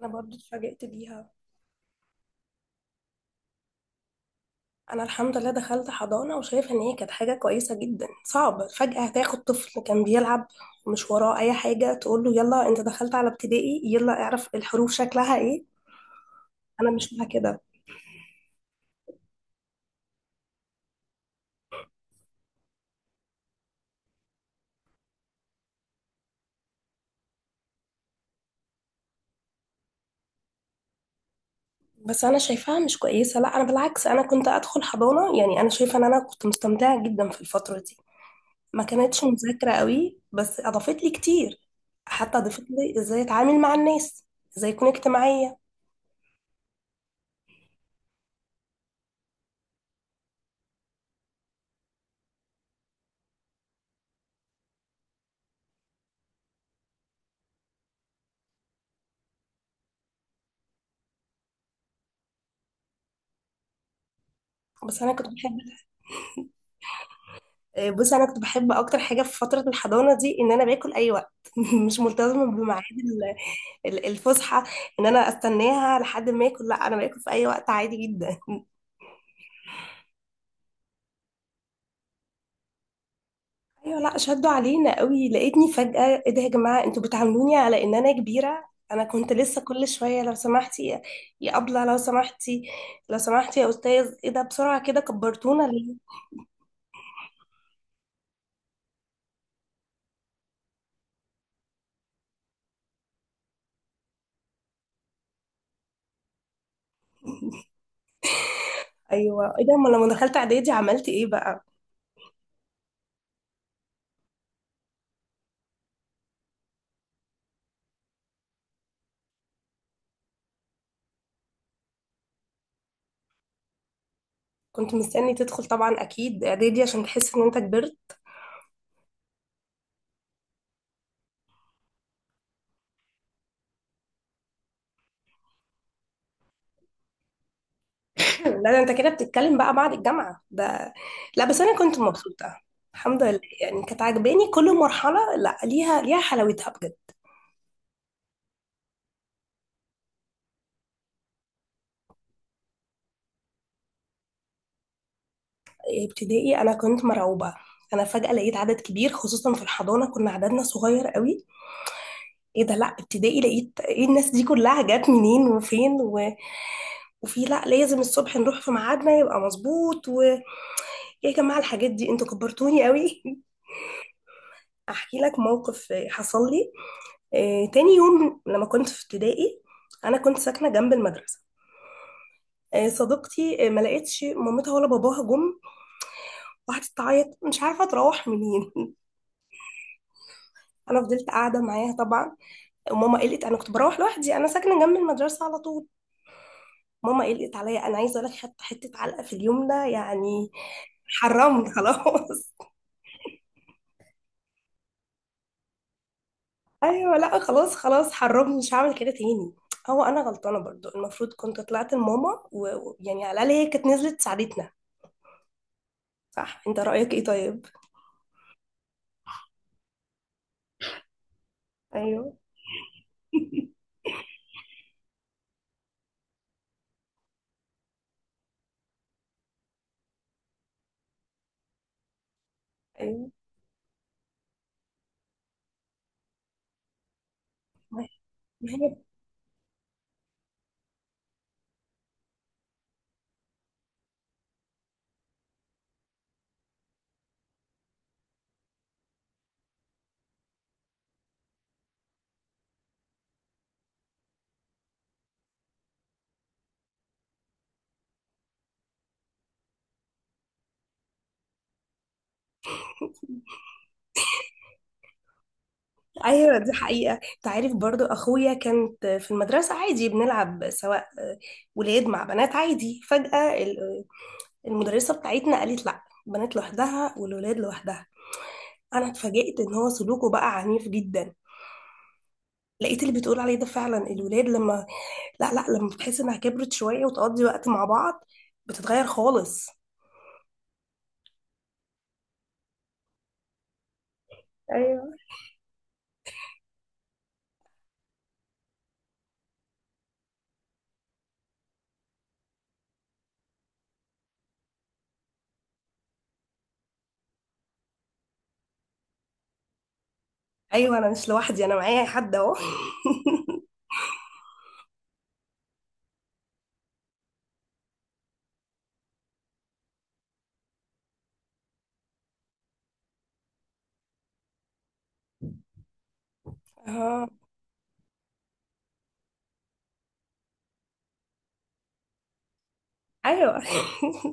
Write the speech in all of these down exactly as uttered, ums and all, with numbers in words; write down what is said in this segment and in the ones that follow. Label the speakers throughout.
Speaker 1: انا برضو اتفاجئت بيها. انا الحمد لله دخلت حضانة وشايفة ان هي كانت حاجة كويسة جدا. صعب فجأة هتاخد طفل كان بيلعب مش وراه اي حاجة تقول له يلا انت دخلت على ابتدائي، يلا اعرف الحروف شكلها ايه. انا مش مع كده. بس انا شايفاها مش كويسة. لا، انا بالعكس، انا كنت ادخل حضانة، يعني انا شايفة ان انا كنت مستمتعة جدا في الفترة دي. ما كانتش مذاكرة قوي بس اضافت لي كتير. حتى اضافت لي ازاي اتعامل مع الناس، ازاي اكون اجتماعية. بس انا كنت بحب. آه، بص انا كنت بحب اكتر حاجه في فتره الحضانه دي ان انا باكل اي وقت. مش ملتزمه بميعاد ال- ال- الفسحه. ان انا استناها لحد ما اكل، لا انا باكل في اي وقت عادي جدا. ايوه، لا شدوا علينا قوي، لقيتني فجاه ايه ده يا جماعه انتوا بتعاملوني على ان انا كبيره. انا كنت لسه كل شويه لو سمحتي يا يا ابله، لو سمحتي، لو سمحتي يا استاذ، ايه ده بسرعه كده كبرتونا ليه؟ ايوه، ايه ده، امال لما دخلت اعدادي عملت ايه بقى؟ كنت مستني تدخل طبعا اكيد اعدادي عشان تحس ان انت كبرت. لا ده انت كده بتتكلم بقى بعد الجامعة ده. لا بس انا كنت مبسوطة. الحمد لله، يعني كانت عاجباني كل مرحلة، لا ليها ليها حلاوتها بجد. إيه، ابتدائي انا كنت مرعوبة. انا فجأة لقيت عدد كبير، خصوصا في الحضانة كنا عددنا صغير قوي. ايه ده، لا ابتدائي لقيت ايه الناس دي كلها جت منين وفين و... وفي، لا لازم الصبح نروح في ميعادنا يبقى مظبوط، ويا جماعة الحاجات دي انتوا كبرتوني قوي. احكي لك موقف حصل لي. آه، تاني يوم لما كنت في ابتدائي، انا كنت ساكنه جنب المدرسه. آه، صديقتي آه، ما لقيتش مامتها ولا باباها جم، وقعدت تعيط مش عارفه تروح منين. انا فضلت قاعده معاها طبعا. وماما قلقت، انا كنت بروح لوحدي، انا ساكنه جنب المدرسه على طول. ماما قلقت عليا، انا عايزه اقول لك حتى حته علقه في اليوم ده يعني. حرمني خلاص. ايوه، لا خلاص خلاص حرمني، مش هعمل كده تاني. هو انا غلطانه برضو، المفروض كنت طلعت لماما، ويعني على الاقل هي كانت نزلت ساعدتنا. صح، انت رايك ايه طيب؟ ايوه. ايوه، ما هي ايوه دي حقيقة. انت عارف برضو اخويا كانت في المدرسة عادي بنلعب سواء، ولاد مع بنات عادي. فجأة ال- المدرسة بتاعتنا قالت لا، البنات لوحدها والولاد لوحدها. انا اتفاجئت ان هو سلوكه بقى عنيف جدا. لقيت اللي بتقول عليه ده فعلا، الولاد لما، لا لا، لما بتحس انها كبرت شوية وتقضي وقت مع بعض بتتغير خالص. ايوه، ايوه، انا مش لوحدي، انا معايا حد اهو. اه، ايوه.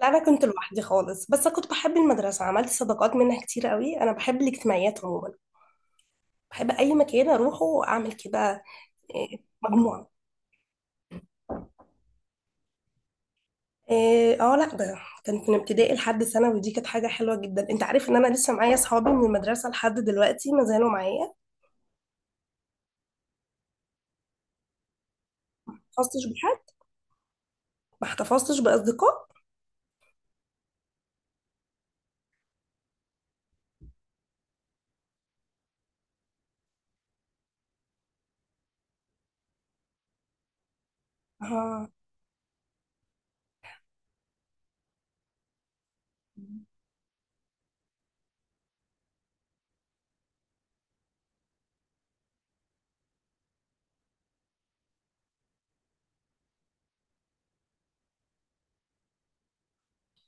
Speaker 1: لا انا كنت لوحدي خالص، بس كنت بحب المدرسه، عملت صداقات منها كتير قوي، انا بحب الاجتماعيات عموما. بحب اي مكان اروحه اعمل كده. إيه، مجموعه. إيه، اه لا ده كانت من ابتدائي لحد ثانوي، دي كانت حاجه حلوه جدا. انت عارف ان انا لسه معايا اصحابي من المدرسه لحد دلوقتي، ما زالوا معايا. ما حفظتش بحد، ما احتفظتش باصدقاء. اه،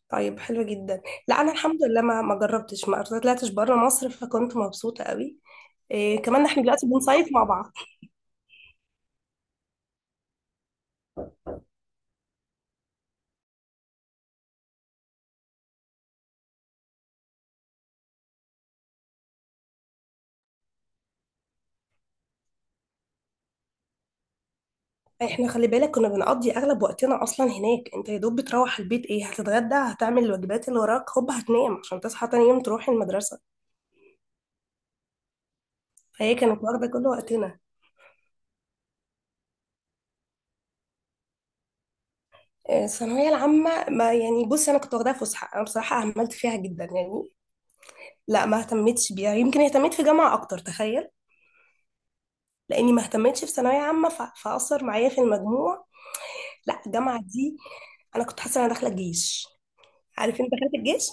Speaker 1: طيب حلو جدا. لا انا الحمد لله ما ما جربتش، ما طلعتش بره مصر، فكنت مبسوطه قوي. إيه، كمان احنا دلوقتي بنصيف مع بعض. احنا خلي بالك كنا بنقضي اغلب وقتنا اصلا هناك، انت يا دوب بتروح البيت، ايه هتتغدى، هتعمل الواجبات اللي وراك، هوب هتنام عشان تصحى تاني يوم تروح المدرسه. فهي كانت واخده كل وقتنا. آه، الثانويه العامه، ما يعني بصي انا كنت واخداها فسحه، انا بصراحه اهملت فيها جدا يعني. لا ما اهتمتش بيها، يمكن اهتميت في جامعه اكتر، تخيل. لاني ما اهتمتش في ثانويه عامه، ف- فاثر معايا في المجموع. لا الجامعه دي، انا كنت حاسه انا داخله الجيش. عارف انت دخلت الجيش.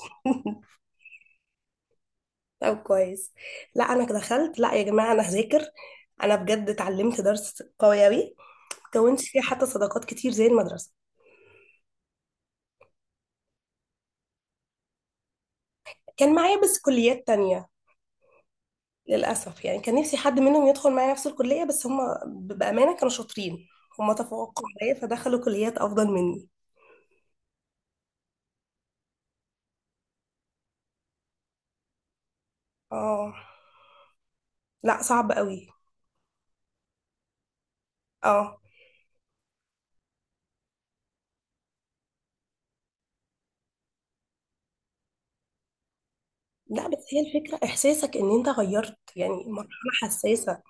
Speaker 1: طب كويس. لا انا دخلت، لا يا جماعه انا هذاكر، انا بجد اتعلمت درس قوي اوي. كونت فيه حتى صداقات كتير زي المدرسه. كان معايا بس كليات تانية. للاسف يعني كان نفسي حد منهم يدخل معايا نفس الكليه، بس هم بامانه كانوا شاطرين، هم تفوقوا عليا فدخلوا كليات افضل مني. اه لا، صعب قوي. اه لا، بس هي الفكره احساسك ان انت غيرت يعني مرحله حساسه.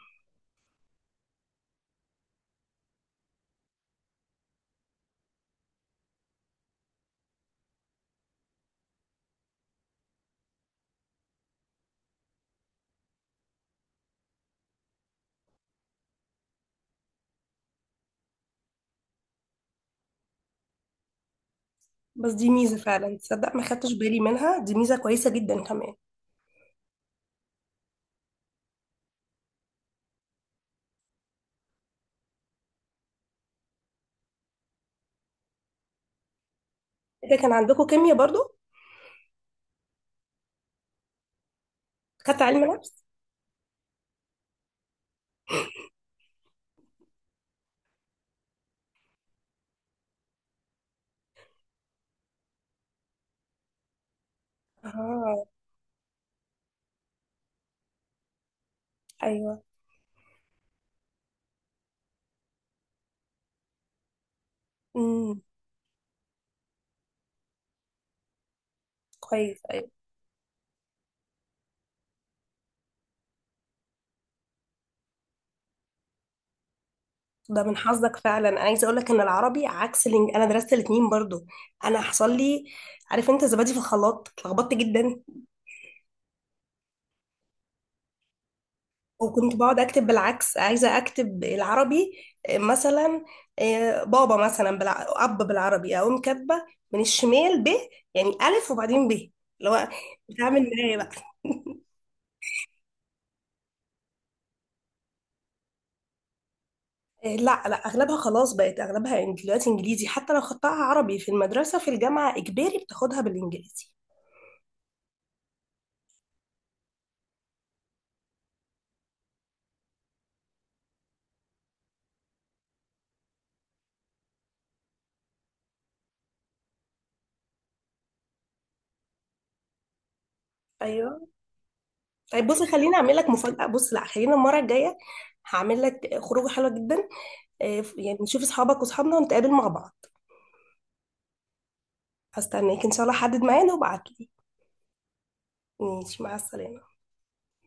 Speaker 1: بس دي ميزه فعلا، تصدق ما خدتش بالي منها، دي ميزه كويسه جدا كمان. انت كان عندكم كيمياء برضو؟ خدت علم نفس. اه، ايوه. امم، كويس، ايوه. ده من حظك فعلا، عايزه اقول لك ان العربي عكس الإنج... انا درست الاثنين برضو. انا حصل لي، عارف انت زبادي في الخلاط اتلخبطت جدا. وكنت بقعد اكتب بالعكس، عايزه اكتب العربي. آه، مثلا، آه، بابا مثلا بالع... اب بالعربي اقوم كاتبه من الشمال ب، يعني الف وبعدين ب، اللي هو بتعمل معايا بقى. إيه، لا لا، اغلبها خلاص بقت اغلبها إنج- دلوقتي انجليزي، حتى لو خدتها عربي في المدرسه، في الجامعه اجباري بتاخدها بالانجليزي. ايوه. طيب بصي، خليني اعمل لك مفاجاه. بص، لا، خلينا المره الجايه هعمل لك خروجه حلوه جدا. إيه، يعني نشوف اصحابك واصحابنا ونتقابل مع بعض. هستناك ان شاء الله، حدد معانا وابعت لي. ماشي، مع السلامه.